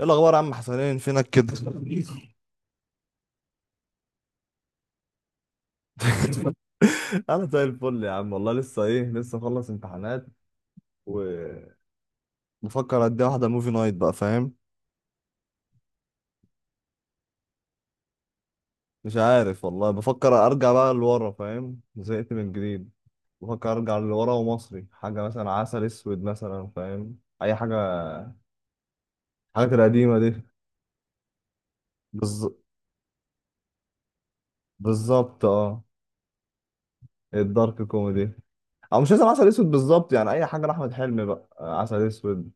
ايه الاخبار يا عم حسنين، فينك كده؟ انا زي الفل يا عم، والله لسه، ايه، لسه مخلص امتحانات وبفكر ادي واحده موفي نايت بقى، فاهم. مش عارف والله، بفكر ارجع بقى لورا، فاهم، زهقت من جديد. بفكر ارجع لورا ومصري حاجه، مثلا عسل اسود مثلا، فاهم، اي حاجه. الحاجات القديمه دي. بالز... بالظبط، اه. الدارك كوميدي. او مش لازم عسل اسود بالظبط، يعني اي حاجه لاحمد حلمي بقى، آه، عسل اسود.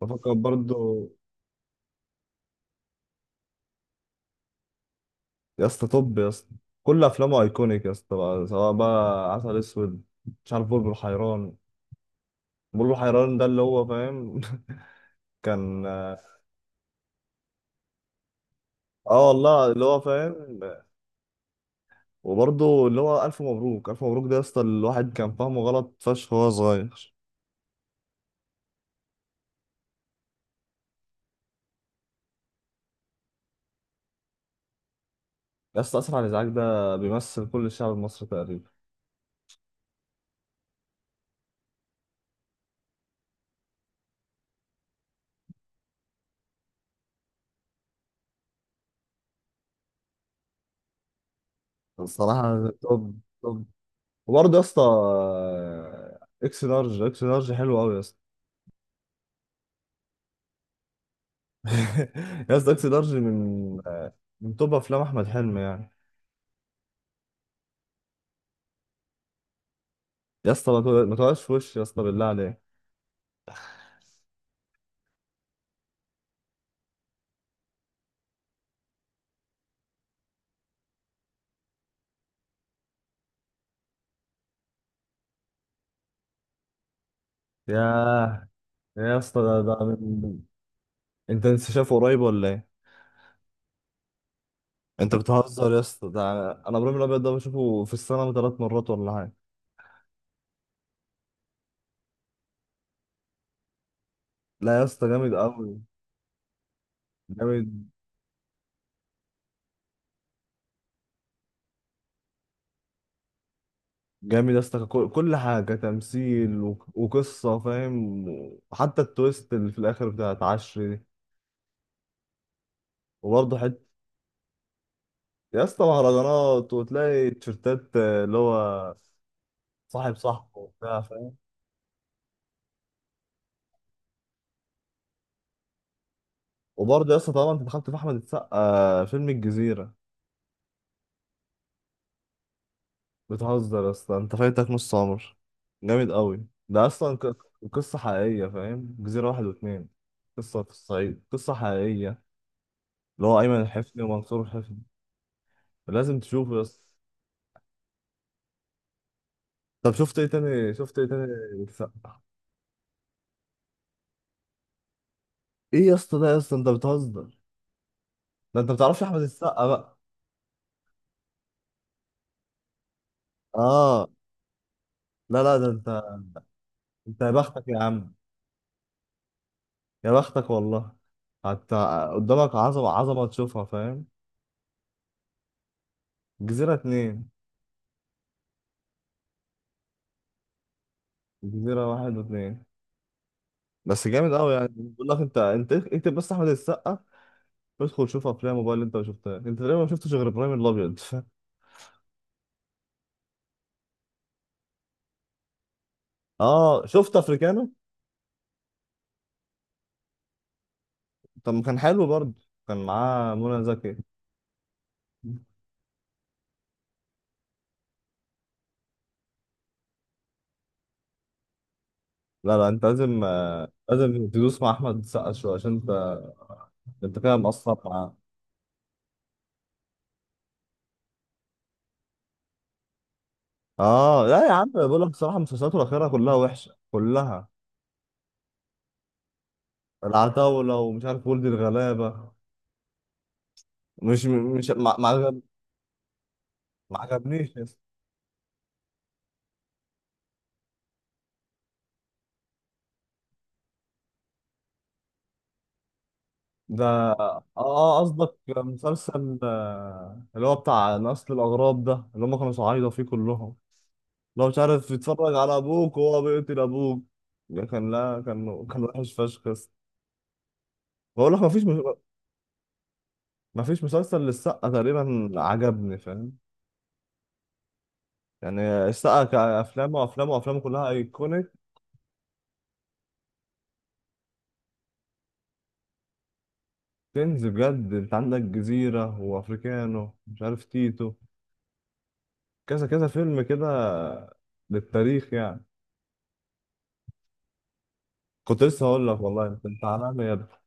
بفكر برضو. يا اسطى، طب يا اسطى، كل افلامه ايكونيك يا اسطى، بقى سواء بقى عسل اسود، مش عارف، بلبل حيران. بلبل حيران ده، اللي هو، فاهم. كان. اه والله، اللي هو، فاهم. وبرضه اللي هو الف مبروك، الف مبروك ده يا اسطى، الواحد كان فاهمه غلط فشخ وهو صغير. يا اسطى، اسف على الازعاج ده بيمثل كل الشعب المصري تقريبا. الصراحه، طب. طب وبرضه يا اسطى، اكس لارج، اكس لارج حلو قوي يا اسطى. يا اسطى، اكس لارج من توب افلام احمد حلمي يعني. يا اسطى، ما تقعدش في وشي يا اسطى، بالله عليك. ياه، يا اسطى، ده انت لسه شايفه قريب ولا ايه؟ انت بتهزر يا اسطى، ده أنا ابراهيم الابيض ده بشوفه في السنه 3 مرات ولا حاجه. لا يا اسطى، جامد قوي. جامد جامد يا اسطى، كل حاجه تمثيل و... وقصه، فاهم. حتى التويست اللي في الاخر بتاعت عشري دي، وبرضه حته. يا اسطى، مهرجانات وتلاقي تيشيرتات، آه، اللي هو، صاحب صاحبه وبتاع، فاهم. وبرضه يا اسطى، طبعا انت دخلت في احمد السقا، آه، فيلم الجزيره. بتهزر اصلا، انت فايتك نص عمر. جامد قوي ده اصلا، قصة حقيقية، فاهم. جزيرة واحد واتنين، قصة في الصعيد، قصة حقيقية. اللي هو أيمن الحفني ومنصور الحفني. لازم تشوفه يا اسطى. طب شفت ايه تاني، شفت ايه تاني؟ السقا. ايه يا اسطى، ده يا اسطى انت بتهزر. ده انت بتعرفش احمد السقا بقى. اه، لا، لا، ده انت. انت يا بختك يا عم. يا بختك والله. حتى قدامك عظمة عظمة تشوفها، فاهم. جزيرة اتنين، جزيرة واحد واتنين، بس جامد قوي يعني، بقول لك انت اكتب بس احمد السقا وادخل شوف افلام موبايل اللي انت ما شفتها، انت تقريبا ما شفتش غير ابراهيم الابيض. اه، شفت افريكانو. طب ما كان حلو برضه، كان معاه منى زكي. لا، لا، انت لازم، آه، لازم تدوس مع احمد السقا شويه، عشان انت كده مقصر معاه. اه لا يا عم، بقول لك بصراحه مسلسلاته الاخيره كلها وحشه كلها. العتاوله ومش عارف، ولد الغلابه. مش مش ما ما عجب- ما عجبنيش. ده، اه، قصدك مسلسل، اللي هو بتاع نسل الأغراب ده، اللي هم كانوا صعايدة فيه كلهم. لو مش عارف يتفرج على أبوك وهو بيقتل أبوك. ده كان، لا، كان وحش فشخ بس. بقول لك مفيش مسلسل للسقا تقريبا عجبني، فاهم يعني. السقا كأفلام وأفلام وأفلام كلها أيكونيك. كنز بجد، أنت عندك جزيرة وأفريكانو، مش عارف، تيتو، كذا كذا فيلم كده، للتاريخ يعني. كنت لسه هقول لك والله، انت عالمي يا ابني.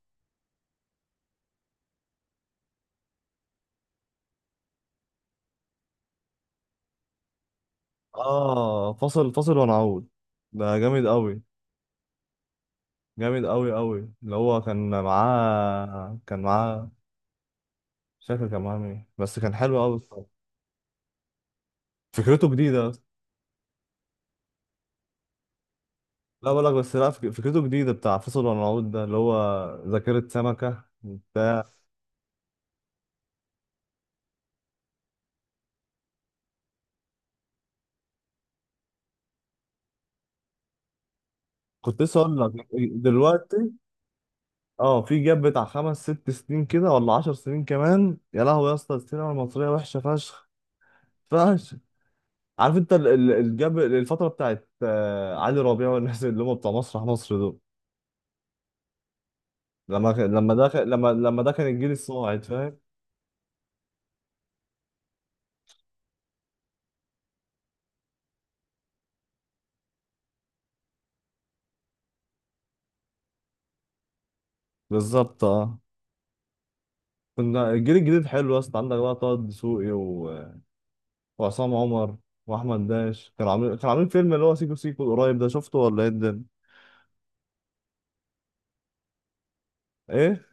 اه، فاصل ونعود، ده جامد قوي. جامد قوي قوي، اللي هو كان معاه. مش فاكر كان معاه مين، بس كان حلو قوي الصراحة. فكرته جديدة. لا بقول لك، بس لا، فكرته جديدة، بتاع فاصل ونعود ده اللي هو ذاكرة سمكة بتاع. كنت لسه اقول لك دلوقتي، اه، في جاب بتاع خمس ست سنين كده، ولا 10 سنين كمان، يا لهوي يا اسطى، السينما المصرية وحشة فشخ، فشخ. عارف انت الجاب، الفتره بتاعت، آه، علي ربيع والناس اللي هم بتوع مسرح مصر دول، لما ده كان الجيل الصاعد، فاهم. بالظبط، اه. كنا الجيل الجديد حلو يا اسطى، عندك بقى طه دسوقي و... وعصام عمر واحمد داش، كانوا عاملين فيلم اللي هو سيكو سيكو القريب، ده شفته ولا ايه الدنيا؟ ايه.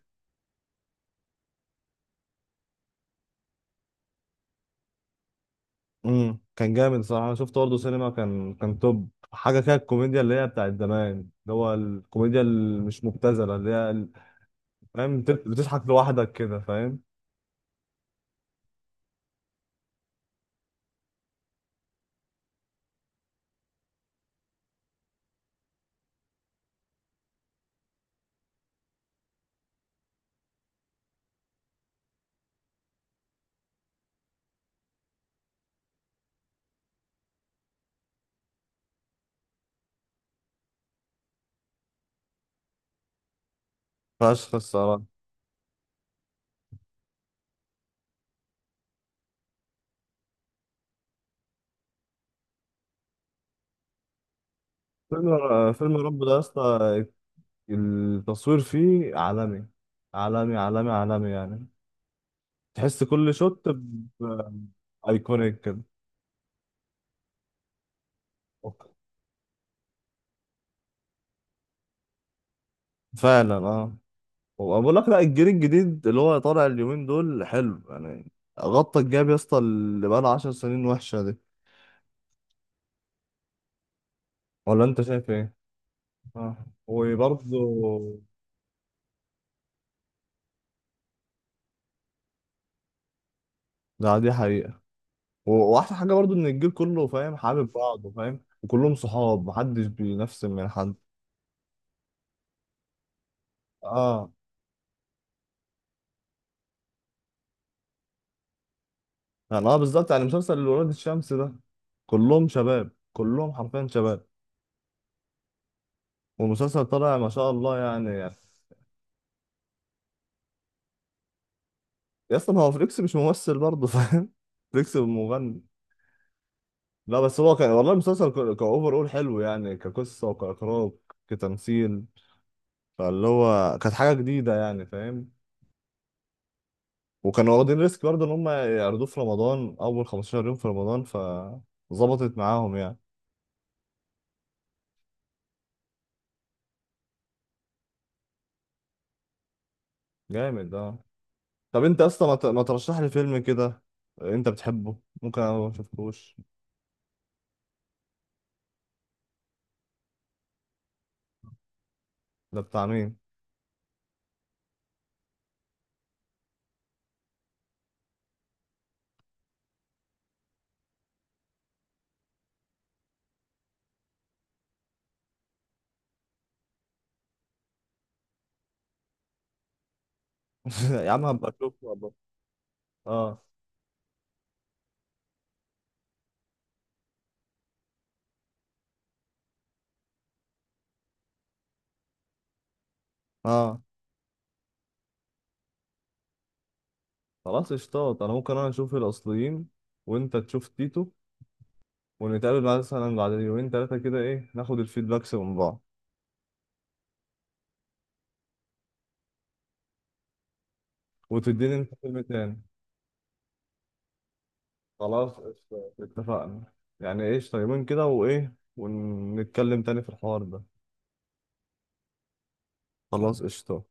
كان جامد صراحه، انا شفته برضه سينما، كان توب حاجه كده، الكوميديا اللي هي بتاعت زمان اللي هو الكوميديا اللي مش مبتذله، اللي هي فاهم، بتضحك لوحدك كده، فاهم. فشخ الصراحة. فيلم فيلم رب ده يا اسطى، التصوير فيه عالمي عالمي عالمي عالمي يعني، تحس كل شوت ايكونيك كده. فعلا، اه. وبقول لك لا، الجيل الجديد اللي هو طالع اليومين دول حلو يعني، غطى الجاب يا اسطى اللي بقى له 10 سنين وحشة دي. ولا انت شايف ايه؟ اه، وبرضه، ده دي حقيقة. واحسن حاجة برضه ان الجيل كله فاهم، حابب بعضه، فاهم، وكلهم صحاب، محدش بينفس من حد. اه، يعني اه، بالظبط، يعني مسلسل ولاد الشمس ده، كلهم شباب، كلهم حرفيا شباب، والمسلسل طالع ما شاء الله يعني يا اسطى، ما هو فليكس مش ممثل برضه، فاهم. فليكس مغني. لا بس، هو كان والله المسلسل كأوفر أول حلو يعني، كقصة وكإخراج كتمثيل، فاللي هو كانت حاجة جديدة يعني، فاهم. وكانوا واخدين ريسك برضه إن هم يعرضوه في رمضان أول 15 يوم في رمضان، فظبطت معاهم يعني. جامد ده. طب انت اصلا، ما ترشح لي فيلم كده انت بتحبه، ممكن انا ما شفتهوش. ده بتاع مين؟ يا عم هبقى اشوفه والله. اه، اه. خلاص اشتاط، انا ممكن انا اشوف الاصليين وانت تشوف تيتو، ونتقابل بعد مثلا بعد يومين ثلاثه كده، ايه، ناخد الفيدباكس من بعض، وتديني انت فيلم تاني. خلاص قشطة، اتفقنا، يعني ايش طيبين كده، وايه ونتكلم تاني في الحوار ده. خلاص قشطة.